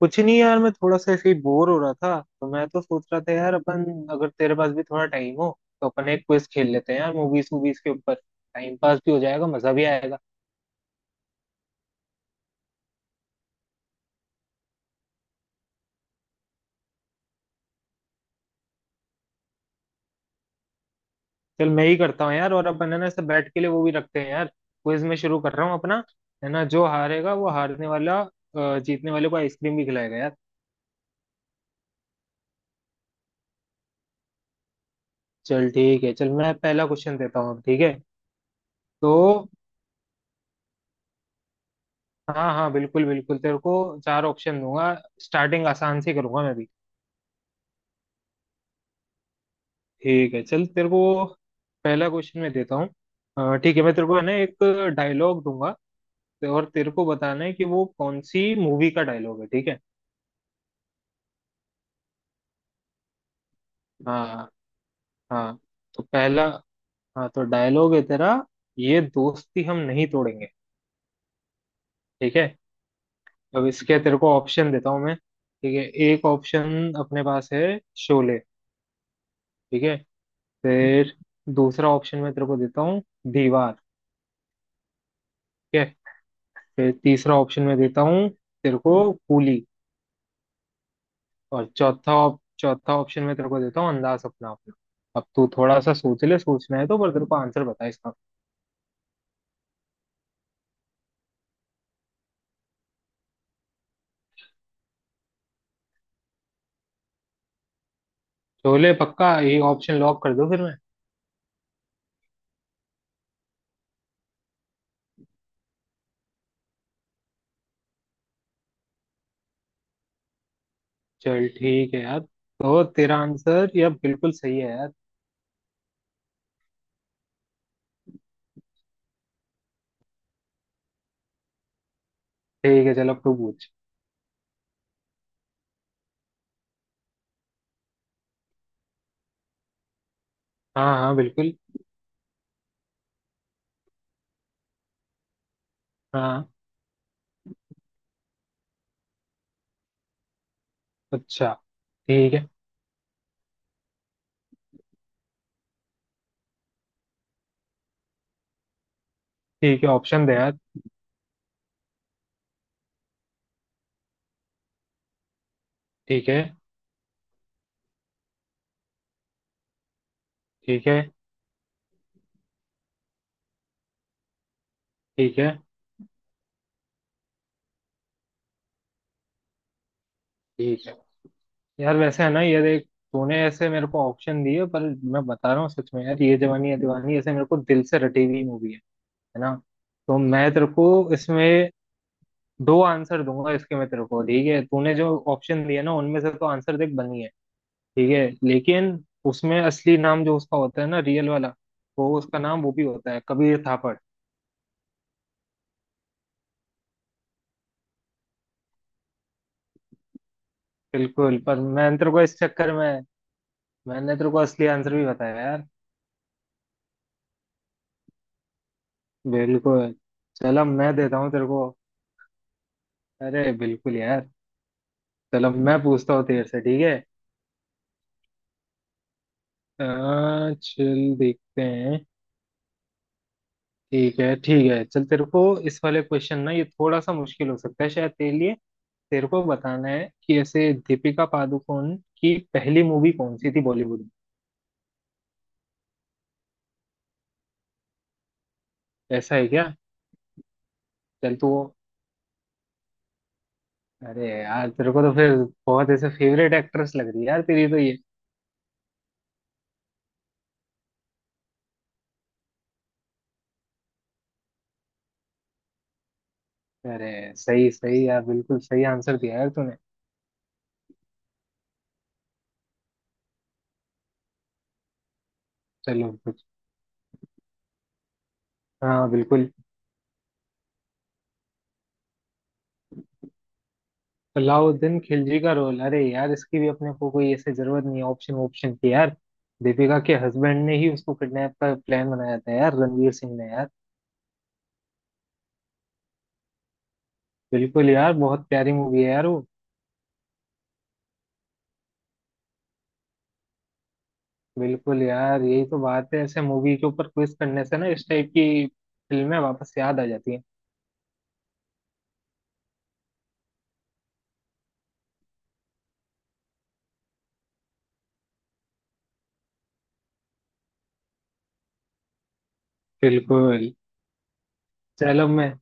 कुछ नहीं यार। मैं थोड़ा सा ऐसे ही बोर हो रहा था, तो मैं तो सोच रहा था यार, अपन अगर तेरे पास भी थोड़ा टाइम हो तो अपन एक क्विज खेल लेते हैं यार। मूवीज मूवीज के ऊपर टाइम पास भी हो जाएगा, मजा भी आएगा। चल मैं ही करता हूँ यार, और अपन है ना, ऐसे बैठ के लिए वो भी रखते हैं यार क्विज में। शुरू कर रहा हूँ अपना, है ना। जो हारेगा, वो हारने वाला जीतने वाले को आइसक्रीम भी खिलाएगा यार। चल ठीक है, चल मैं पहला क्वेश्चन देता हूँ अब, ठीक है। तो हाँ हाँ, बिल्कुल बिल्कुल, तेरे को चार ऑप्शन दूंगा। स्टार्टिंग आसान से करूंगा मैं भी। ठीक है, चल तेरे को पहला क्वेश्चन मैं देता हूँ। ठीक है, मैं तेरे को है ना एक डायलॉग दूंगा, और तेरे को बताना है कि वो कौन सी मूवी का डायलॉग है, ठीक है। हाँ हाँ। तो पहला, हाँ, तो डायलॉग है तेरा, ये दोस्ती हम नहीं तोड़ेंगे, ठीक है। अब इसके तेरे को ऑप्शन देता हूँ मैं, ठीक है। एक ऑप्शन अपने पास है, शोले, ठीक है। फिर दूसरा ऑप्शन मैं तेरे को देता हूँ, दीवार, ठीक है। फिर तीसरा ऑप्शन मैं देता हूँ तेरे को, कूली। और चौथा ऑप्शन मैं तेरे को देता हूँ, अंदाज अपना अपना। अब तू थोड़ा सा सोच ले, सोचना है तो, पर तेरे को आंसर बता इसका। छोले पक्का, ये ऑप्शन लॉक कर दो फिर मैं। चल ठीक है यार, तो तेरा आंसर ये बिल्कुल सही है यार। ठीक है, चल अब तू पूछ। हाँ हाँ, बिल्कुल। हाँ। अच्छा, ठीक है। ठीक है, ऑप्शन दे यार। ठीक है। ठीक है। ठीक है। ठीक है। यार वैसे है ना, ये देख, तूने ऐसे मेरे को ऑप्शन दिए, पर मैं बता रहा हूँ सच में यार, ये जवानी है दीवानी ऐसे मेरे को दिल से रटी हुई मूवी है ना। तो मैं तेरे को इसमें दो आंसर दूंगा इसके, मैं तेरे को ठीक है, तूने जो ऑप्शन दिए ना उनमें से तो आंसर देख, बनी है, ठीक है। लेकिन उसमें असली नाम जो उसका होता है ना, रियल वाला, वो उसका नाम, वो भी होता है कबीर थापड़। बिल्कुल, पर मैं तेरे को इस चक्कर में, मैंने तेरे को असली आंसर भी बताया यार। बिल्कुल। चलो मैं देता हूँ तेरे को। अरे बिल्कुल यार। चलो मैं पूछता हूँ तेरे से, ठीक है। अ, चल देखते हैं। ठीक है ठीक है, चल तेरे को इस वाले क्वेश्चन ना, ये थोड़ा सा मुश्किल हो सकता है शायद तेरे लिए। तेरे को बताना है कि ऐसे दीपिका पादुकोण की पहली मूवी कौन सी थी बॉलीवुड में। ऐसा है क्या? चल तू। अरे यार तेरे को तो फिर बहुत ऐसे फेवरेट एक्ट्रेस लग रही है यार तेरी तो, ये अरे सही सही यार, बिल्कुल सही आंसर दिया यार तूने। चलो कुछ। हाँ, बिल्कुल। अलाउद्दीन खिलजी का रोल, अरे यार इसकी भी अपने को कोई ऐसे जरूरत नहीं है ऑप्शन ऑप्शन की यार। दीपिका के हस्बैंड ने ही उसको किडनैप का प्लान बनाया था यार, रणवीर सिंह ने यार। बिल्कुल यार, बहुत प्यारी मूवी है यार वो। बिल्कुल यार, यही तो बात है, ऐसे मूवी के ऊपर क्विज करने से ना इस टाइप की फिल्में वापस याद आ जाती हैं। बिल्कुल। चलो मैं।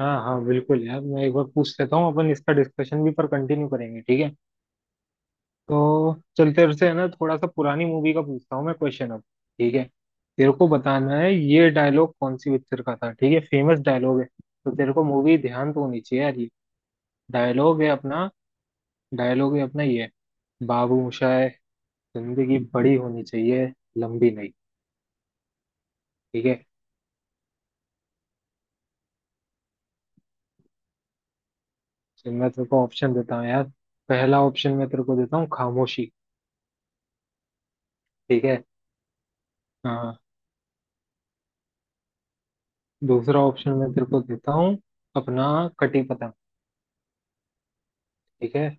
हाँ हाँ, बिल्कुल यार, मैं एक बार पूछ लेता हूँ, अपन इसका डिस्कशन भी पर कंटिन्यू करेंगे, ठीक है। तो चल तेरे से है ना थोड़ा सा पुरानी मूवी का पूछता हूँ मैं क्वेश्चन अब, ठीक है। तेरे को बताना है ये डायलॉग कौन सी पिक्चर का था, ठीक है, फेमस डायलॉग है। तो तेरे को मूवी ध्यान तो होनी चाहिए यार ये। डायलॉग है अपना डायलॉग है अपना ये, बाबू मोशाय, जिंदगी बड़ी होनी चाहिए, लंबी नहीं, ठीक है। तो मैं तेरे को ऑप्शन देता हूँ यार। पहला ऑप्शन मैं तेरे को देता हूँ, खामोशी, ठीक है। हाँ, दूसरा ऑप्शन मैं तेरे को देता हूँ, अपना कटी पतंग, ठीक है।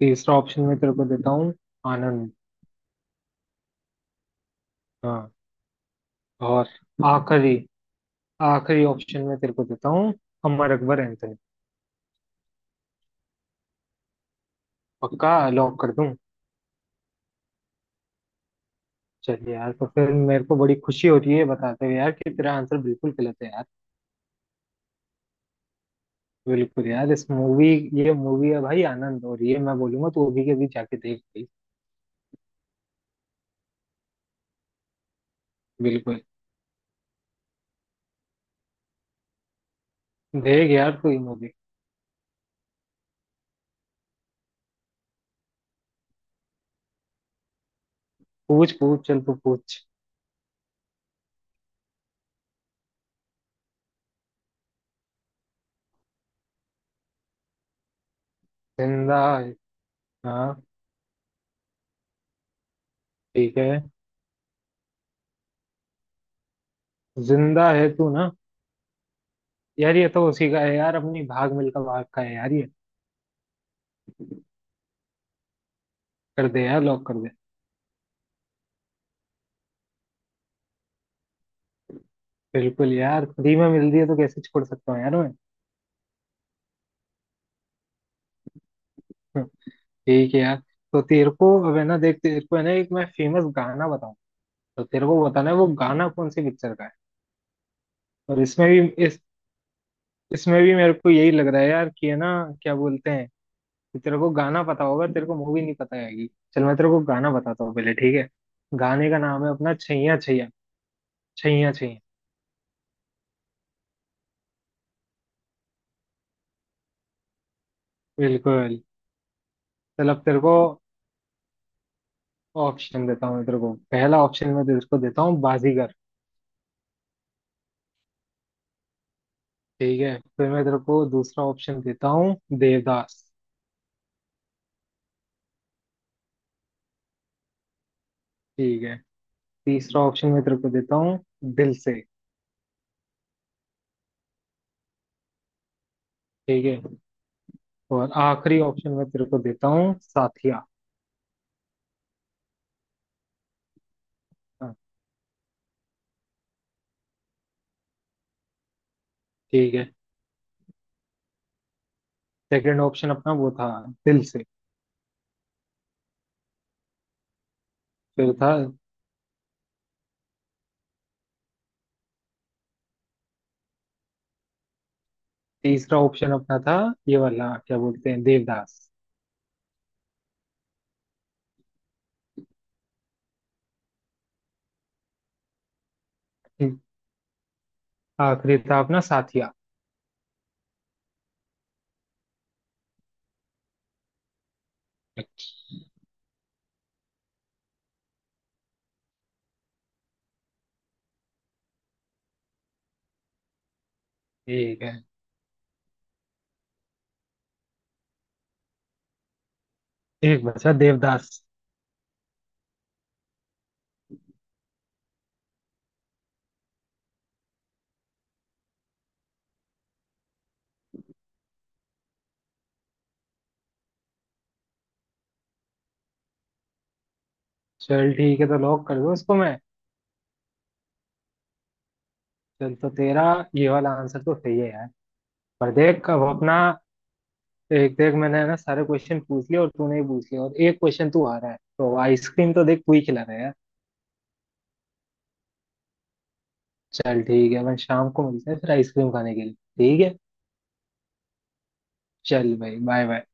तीसरा ऑप्शन मैं तेरे को देता हूँ, आनंद। हाँ। और आखिरी, ऑप्शन मैं तेरे को देता हूँ, अमर अकबर एंथनी। पक्का लॉक कर दूँ? चलिए यार, तो फिर मेरे को बड़ी खुशी हो रही है बताते हुए यार, कि तेरा आंसर बिल्कुल गलत है यार। बिल्कुल यार, इस मूवी ये मूवी है भाई आनंद, और ये मैं बोलूंगा, तू अभी के अभी जाके देख भाई। बिल्कुल। देख यार तू ये मूवी। पूछ पूछ, चल तू पूछ। जिंदा है। हाँ। ठीक है। जिंदा है तू ना, यार ये तो उसी का है यार, अपनी भाग मिल्खा भाग का है यार ये। कर दे यार, लॉक कर दे। बिल्कुल यार, फ्री में मिल रही है तो कैसे छोड़ सकता हूँ यार मैं। ठीक है यार। तो तेरे को अब है ना, देख तेरे को है ना, एक मैं फेमस गाना बताऊँ, तो तेरे को बताना है वो गाना कौन सी पिक्चर का है। और इसमें भी, इस इसमें भी मेरे को यही लग रहा है यार, कि है ना क्या बोलते हैं, कि तेरे को गाना पता होगा, तेरे को मूवी नहीं पता आएगी। चल मैं तेरे को गाना बताता हूँ पहले, ठीक है। गाने का नाम है अपना, छैया छैया, छैया छैया। बिल्कुल। चल अब तेरे को ऑप्शन देता हूँ मैं तेरे को। पहला ऑप्शन मैं तेरे को देता हूँ, बाजीगर, ठीक है। फिर मैं तेरे को दूसरा ऑप्शन देता हूँ, देवदास, ठीक है। तीसरा ऑप्शन मैं तेरे को देता हूँ, दिल से, ठीक है। और आखिरी ऑप्शन मैं तेरे को देता हूँ, साथिया। हाँ, ठीक है। सेकंड ऑप्शन अपना वो था, दिल से। फिर था तीसरा ऑप्शन, अपना था ये वाला क्या बोलते हैं, देवदास। ठीक, आखिरी था अपना साथिया। ठीक है, एक बचा देवदास। चल ठीक है, तो लॉक कर दो इसको मैं। चल तो तेरा ये वाला आंसर तो सही है यार। पर देख अब अपना, देख देख मैंने है ना सारे क्वेश्चन पूछ लिए, और तूने भी पूछ लिया, और एक क्वेश्चन तू आ रहा है, तो आइसक्रीम तो देख तू ही खिला रहा है यार। चल ठीक है, अपन शाम को मिलते हैं फिर आइसक्रीम खाने के लिए, ठीक है। चल भाई, बाय बाय।